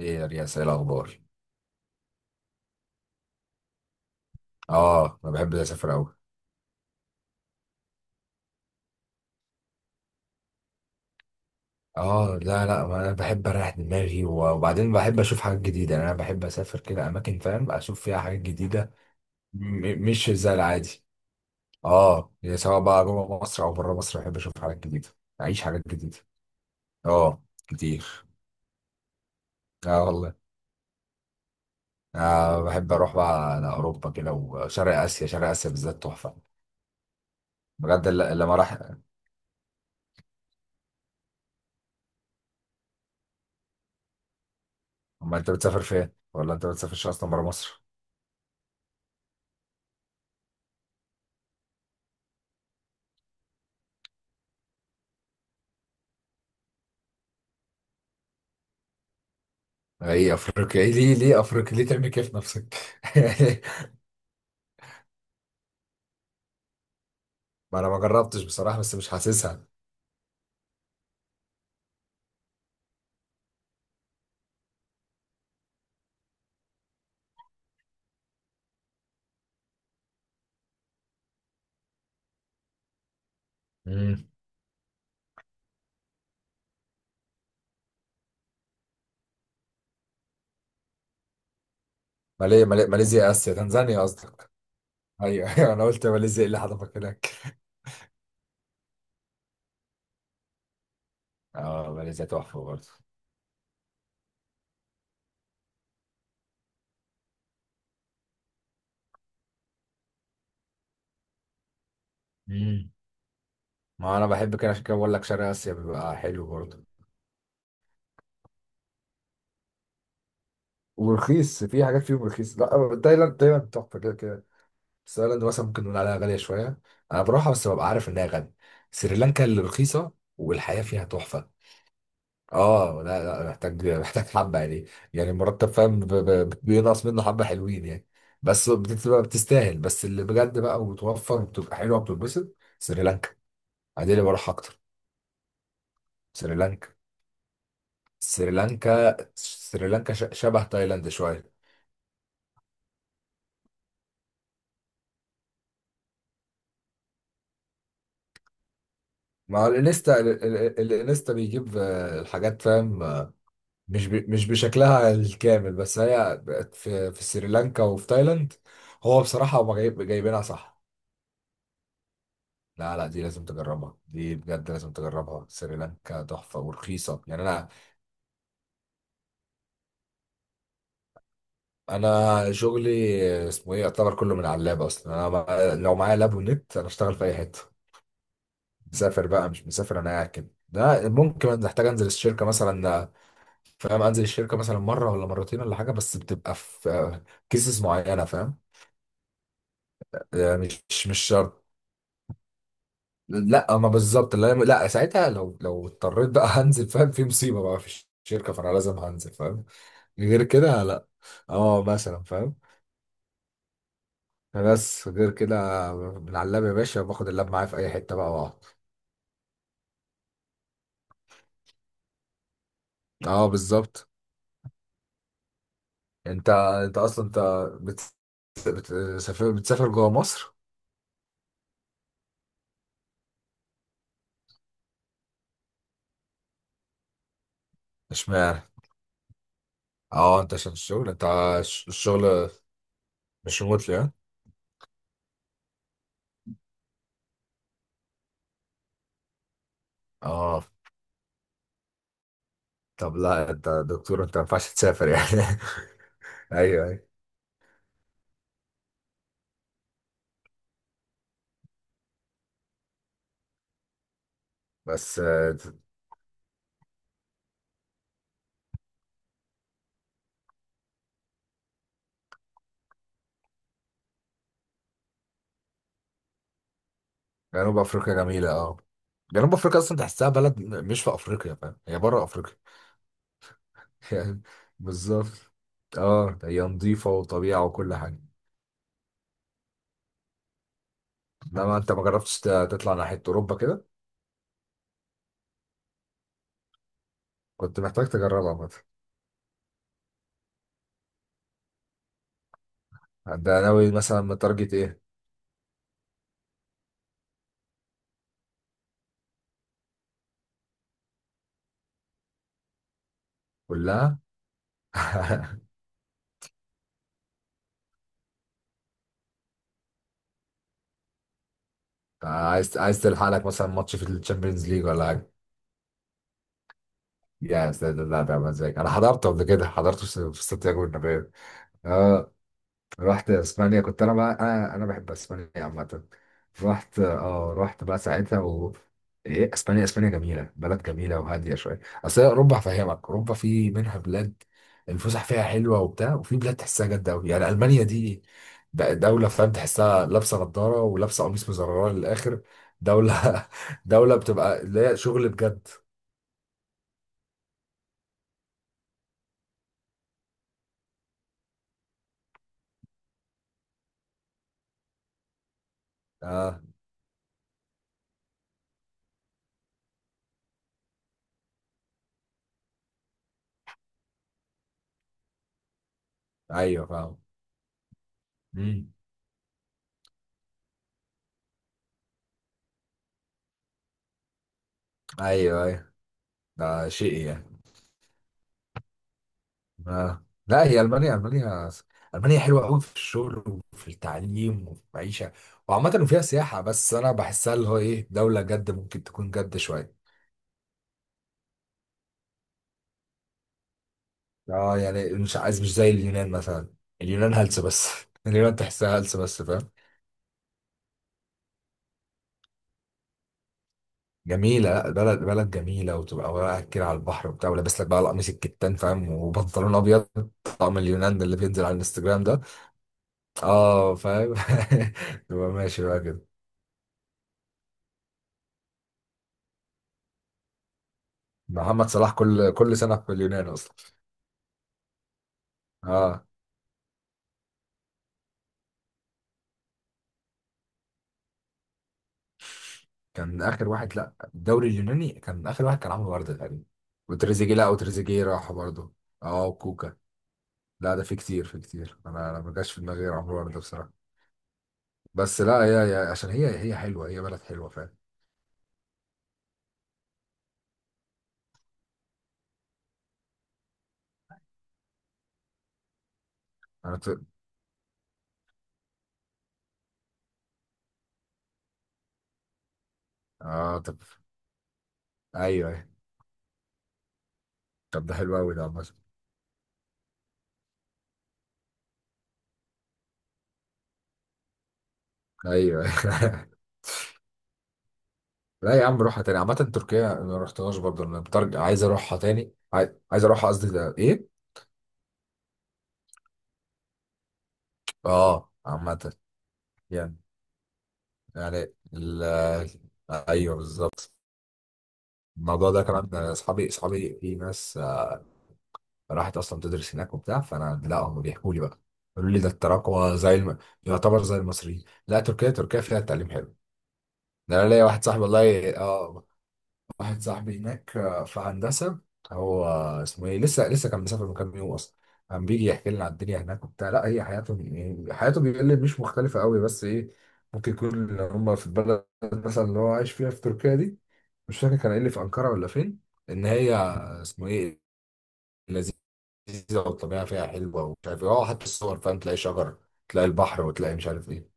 ايه يا رياس، ايه الاخبار؟ اه، انا بحب اسافر قوي. اه، لا لا، ما انا بحب اريح دماغي وبعدين بحب اشوف حاجات جديده. يعني انا بحب اسافر كده اماكن، فاهم، اشوف فيها حاجات جديده. مش زي العادي. اه، يعني سواء بقى جوه مصر او بره مصر بحب اشوف حاجات جديده، اعيش حاجات جديده. اه، كتير. اه والله. آه، بحب اروح بقى لاوروبا كده وشرق اسيا، شرق اسيا بالذات تحفه. بجد، لما راح. اما انت بتسافر فين، ولا انت بتسافرش اصلا بره مصر؟ اي افريقيا، ايه؟ ليه افريقيا؟ ليه تعمل كده في نفسك؟ ما انا ما جربتش بصراحه، بس مش حاسسها. امم. مالي ماليزيا اسيا، تنزانيا قصدك؟ ايوه أيوة، انا قلت ماليزيا، ايه اللي حضرتك هناك؟ اه، ماليزيا تحفه برضه. امم. ما انا بحب كده، عشان كده بقول لك شرق اسيا بيبقى حلو برضه. ورخيص، في حاجات فيهم رخيص. لا، تايلاند تايلاند تحفه كده كده. بس تايلاند مثلا ممكن نقول عليها غاليه شويه. انا بروحها بس ببقى عارف انها غاليه. سريلانكا اللي رخيصه. والحياه فيها تحفه. اه، لا لا، محتاج حبه يعني. يعني المرتب، فاهم، بينقص منه حبه، حلوين يعني. بس بتبقى بتستاهل، بس اللي بجد بقى وتوفر وبتبقى حلوه وبتتبسط سريلانكا. عادي، اللي بروح اكتر. سريلانكا سريلانكا شبه تايلاند شويه. مع الانستا بيجيب، الحاجات، فاهم، مش بشكلها الكامل، بس هي بقت في سريلانكا وفي تايلاند. هو بصراحه هم جايبينها صح. لا لا، دي لازم تجربها، دي بجد لازم تجربها. سريلانكا تحفة ورخيصة، يعني أنا. أنا شغلي اسمه إيه، يعتبر كله من على اللاب أصلا. أنا لو معايا لاب ونت أنا أشتغل في أي حتة. مسافر بقى مش مسافر، أنا قاعد كده. ده ممكن أحتاج أنزل الشركة مثلا، فاهم، أنزل الشركة مثلا مرة ولا مرتين ولا حاجة، بس بتبقى في كيسز معينة، فاهم. مش شرط. لا، ما بالظبط، لا لا، ساعتها لو اضطريت بقى هنزل، فاهم، في مصيبة بقى في الشركة، فأنا لازم هنزل، فاهم. غير كده لا. اه، مثلا، فاهم. بس غير كده. من على اللاب يا باشا، باخد اللاب معايا في اي حته بقى واقعد. اه، بالظبط. انت انت اصلا انت بت- بتسافر جوه مصر؟ اشمعنى؟ اه، انت عشان الشغل انت. الشغل مش ريموتلي، ها؟ اه، طب لا، انت دكتور، انت ما ينفعش تسافر يعني. ايوه ايوه. بس جنوب افريقيا جميله، اه. جنوب افريقيا اصلا تحسها بلد مش في افريقيا، فاهم، هي بره افريقيا. يعني، بالظبط. اه، هي نظيفة وطبيعة وكل حاجة. انما انت ما جربتش تطلع ناحية اوروبا كده؟ كنت محتاج تجربها مثلا. ده ناوي مثلا متارجت ايه؟ كلها. عايز تلحق لك مثلا ماتش في الشامبيونز ليج ولا حاجة؟ يا ساتر، لا، ده مزاج، انا حضرته قبل كده، حضرته في سانتياغو النابيو. اه، رحت اسبانيا، كنت انا بقى، انا بحب اسبانيا عامه. رحت بقى ساعتها و. إيه، اسبانيا اسبانيا جميله، بلد جميله وهاديه شويه، اصل هي اوروبا، هفهمك، اوروبا في منها بلاد. الفسح فيها حلوه وبتاع، وفي بلاد تحسها جد قوي، يعني المانيا دي. دوله، فاهم، تحسها لابسه نضاره ولابسه قميص مزرره للاخر. دوله دوله بتبقى اللي هي شغل بجد. اه، ايوه، فاهم. مم. ايوه ايوه. ده شيء يعني. ما لا، هي المانيا المانيا حلوه قوي في الشغل وفي التعليم وفي المعيشه. وعامه وفيها سياحه، بس انا بحسها اللي هو ايه، دوله جد، ممكن تكون جد شويه. اه، يعني مش عايز، مش زي اليونان مثلا. اليونان هلس بس اليونان تحسها هلس بس، فاهم. جميله، لا، بلد جميله، وتبقى واقع كده على البحر وبتاع، ولابس لك بقى القميص الكتان، فاهم، وبنطلون ابيض. طقم اليونان ده اللي بينزل على الانستجرام ده. اه، فاهم. تبقى ماشي بقى كده. محمد صلاح كل سنه في اليونان اصلا. اه، كان اخر واحد، لا الدوري اليوناني كان اخر واحد، كان عمرو برده تقريبا. وتريزيجيه لا وتريزيجيه راح برضه. اه، وكوكا. لا، ده في كتير في كتير، انا ما جاش في دماغي غير عمرو برده بصراحه. بس لا، هي هي عشان هي هي حلوه، هي بلد حلوه فعلا. انا ت... اه، طب. ايوه، أيوة. طب ده حلو قوي ده عامه. ايوه. لا يا عم، روحها تاني عامه. تركيا ما رحتهاش برضه انا، بترجع عايز اروحها تاني، عايز اروحها قصدي، ده ايه؟ اه، عامه يعني. يعني ال... ايوه، بالظبط. الموضوع ده كمان، اصحابي في ناس، راحت اصلا تدرس هناك وبتاع، فانا لا، هم بيحكوا لي بقى. قالوا لي ده التراكوة زي الم... يعتبر زي المصريين. لا، تركيا تركيا فيها التعليم حلو. ده انا ليا واحد صاحبي والله، اه. واحد صاحبي هناك، في هندسة. هو اسمه ايه، لسه كان مسافر من كام يوم اصلا. كان بيجي يحكي لنا على الدنيا هناك وبتاع، لا هي حياته. حياته بيقول لي مش مختلفة قوي، بس ايه، ممكن يكون إن هم في البلد مثلا اللي هو عايش فيها في تركيا دي. مش فاكر كان قايل لي في أنقرة ولا فين. ان هي، اسمه ايه، لذيذة. والطبيعة فيها حلوة ومش عارف ايه. اه، حتى الصور، فاهم، تلاقي شجر، تلاقي البحر، وتلاقي مش عارف ايه.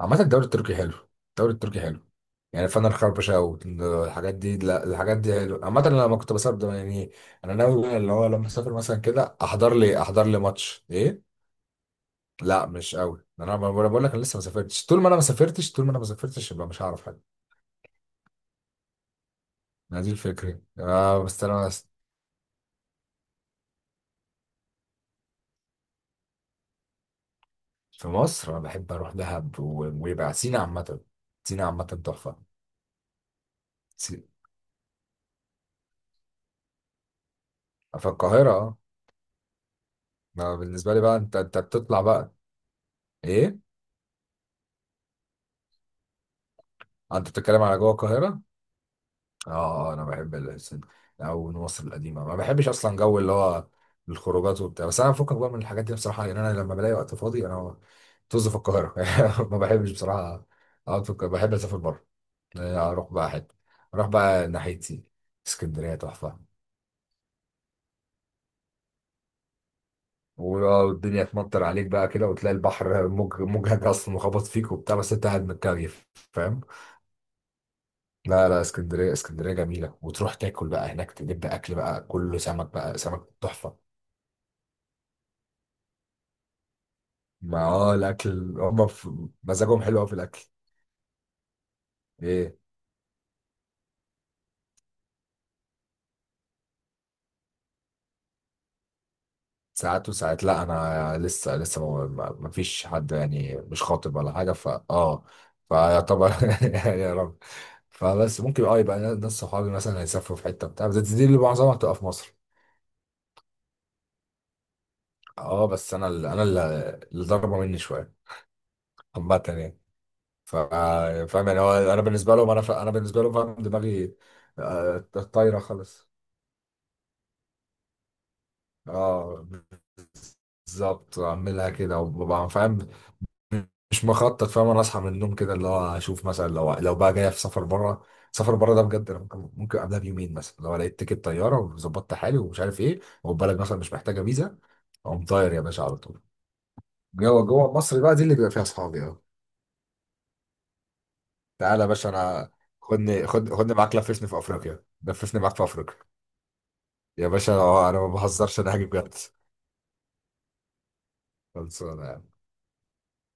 عامة الدوري التركي حلو. الدوري التركي حلو. يعني فانا الخربشة والحاجات دي، لا الحاجات دي حلو عامة، أنا لما كنت بسافر ده يعني. انا ناوي اللي هو لما اسافر مثلا كده، احضر لي ماتش، ايه. لا مش قوي، انا أنا بقول لك انا لسه ما سافرتش، طول ما انا ما سافرتش يبقى مش هعرف حاجة. ما دي الفكرة، بس انا بس. في مصر انا بحب اروح دهب ويبقى سينا عامة. سينا عامة تحفة. سينا. في القاهرة، اه. ما بالنسبة لي بقى، انت بتطلع بقى. ايه؟ انت بتتكلم على جوه القاهرة؟ اه، انا بحب او من مصر القديمه. ما بحبش اصلا جو اللي هو الخروجات وبتاع، بس انا بفكك بقى من الحاجات دي بصراحه، لان انا لما بلاقي وقت فاضي انا، طز في القاهره. ما بحبش بصراحه اقعد في القاهره، بحب اسافر بره. اروح بقى حته، اروح بقى ناحيتي. اسكندريه تحفه. والدنيا تمطر عليك بقى كده، وتلاقي البحر موج موجهك اصلا وخبط فيك وبتاع، بس انت قاعد متكيف، فاهم. لا لا، اسكندريه اسكندريه جميله، وتروح تاكل بقى هناك، تجيب اكل بقى كله سمك، بقى سمك تحفه. ما الاكل هم مزاجهم حلو قوي في الاكل. ايه؟ ساعات وساعات، لا، انا لسه ما فيش حد يعني، مش خاطب ولا حاجه، فا اه فيعتبر يعني، يا رب. فبس، ممكن يبقى ناس صحابي مثلا هيسافروا في حته بتاع، بس دي اللي معظمها هتبقى في مصر. اه، بس انا اللي ضربه مني شويه عامه يعني. ف- فاهم، يعني هو، انا بالنسبه لهم، انا بالنسبه لهم، فاهم، دماغي آه، طايره خالص. اه، بالظبط، اعملها كده وببقى فاهم. مش مخطط، فاهم، انا اصحى من النوم كده اللي هو اشوف مثلا لو بقى جاي في سفر بره. سفر بره ده بجد، انا ممكن قبلها بيومين مثلا لو لقيت تيكت طياره وظبطت حالي ومش عارف ايه، وبالك مثلا مش محتاجه فيزا، اقوم طاير يا باشا على طول. جوه جوه مصر بقى، دي اللي بيبقى فيها اصحابي، اه. تعالى يا باشا، انا، خدني معاك، لففني في افريقيا، لففني معاك في افريقيا. يا باشا، انا ما بهزرش، انا هاجي بجد. خلصانه.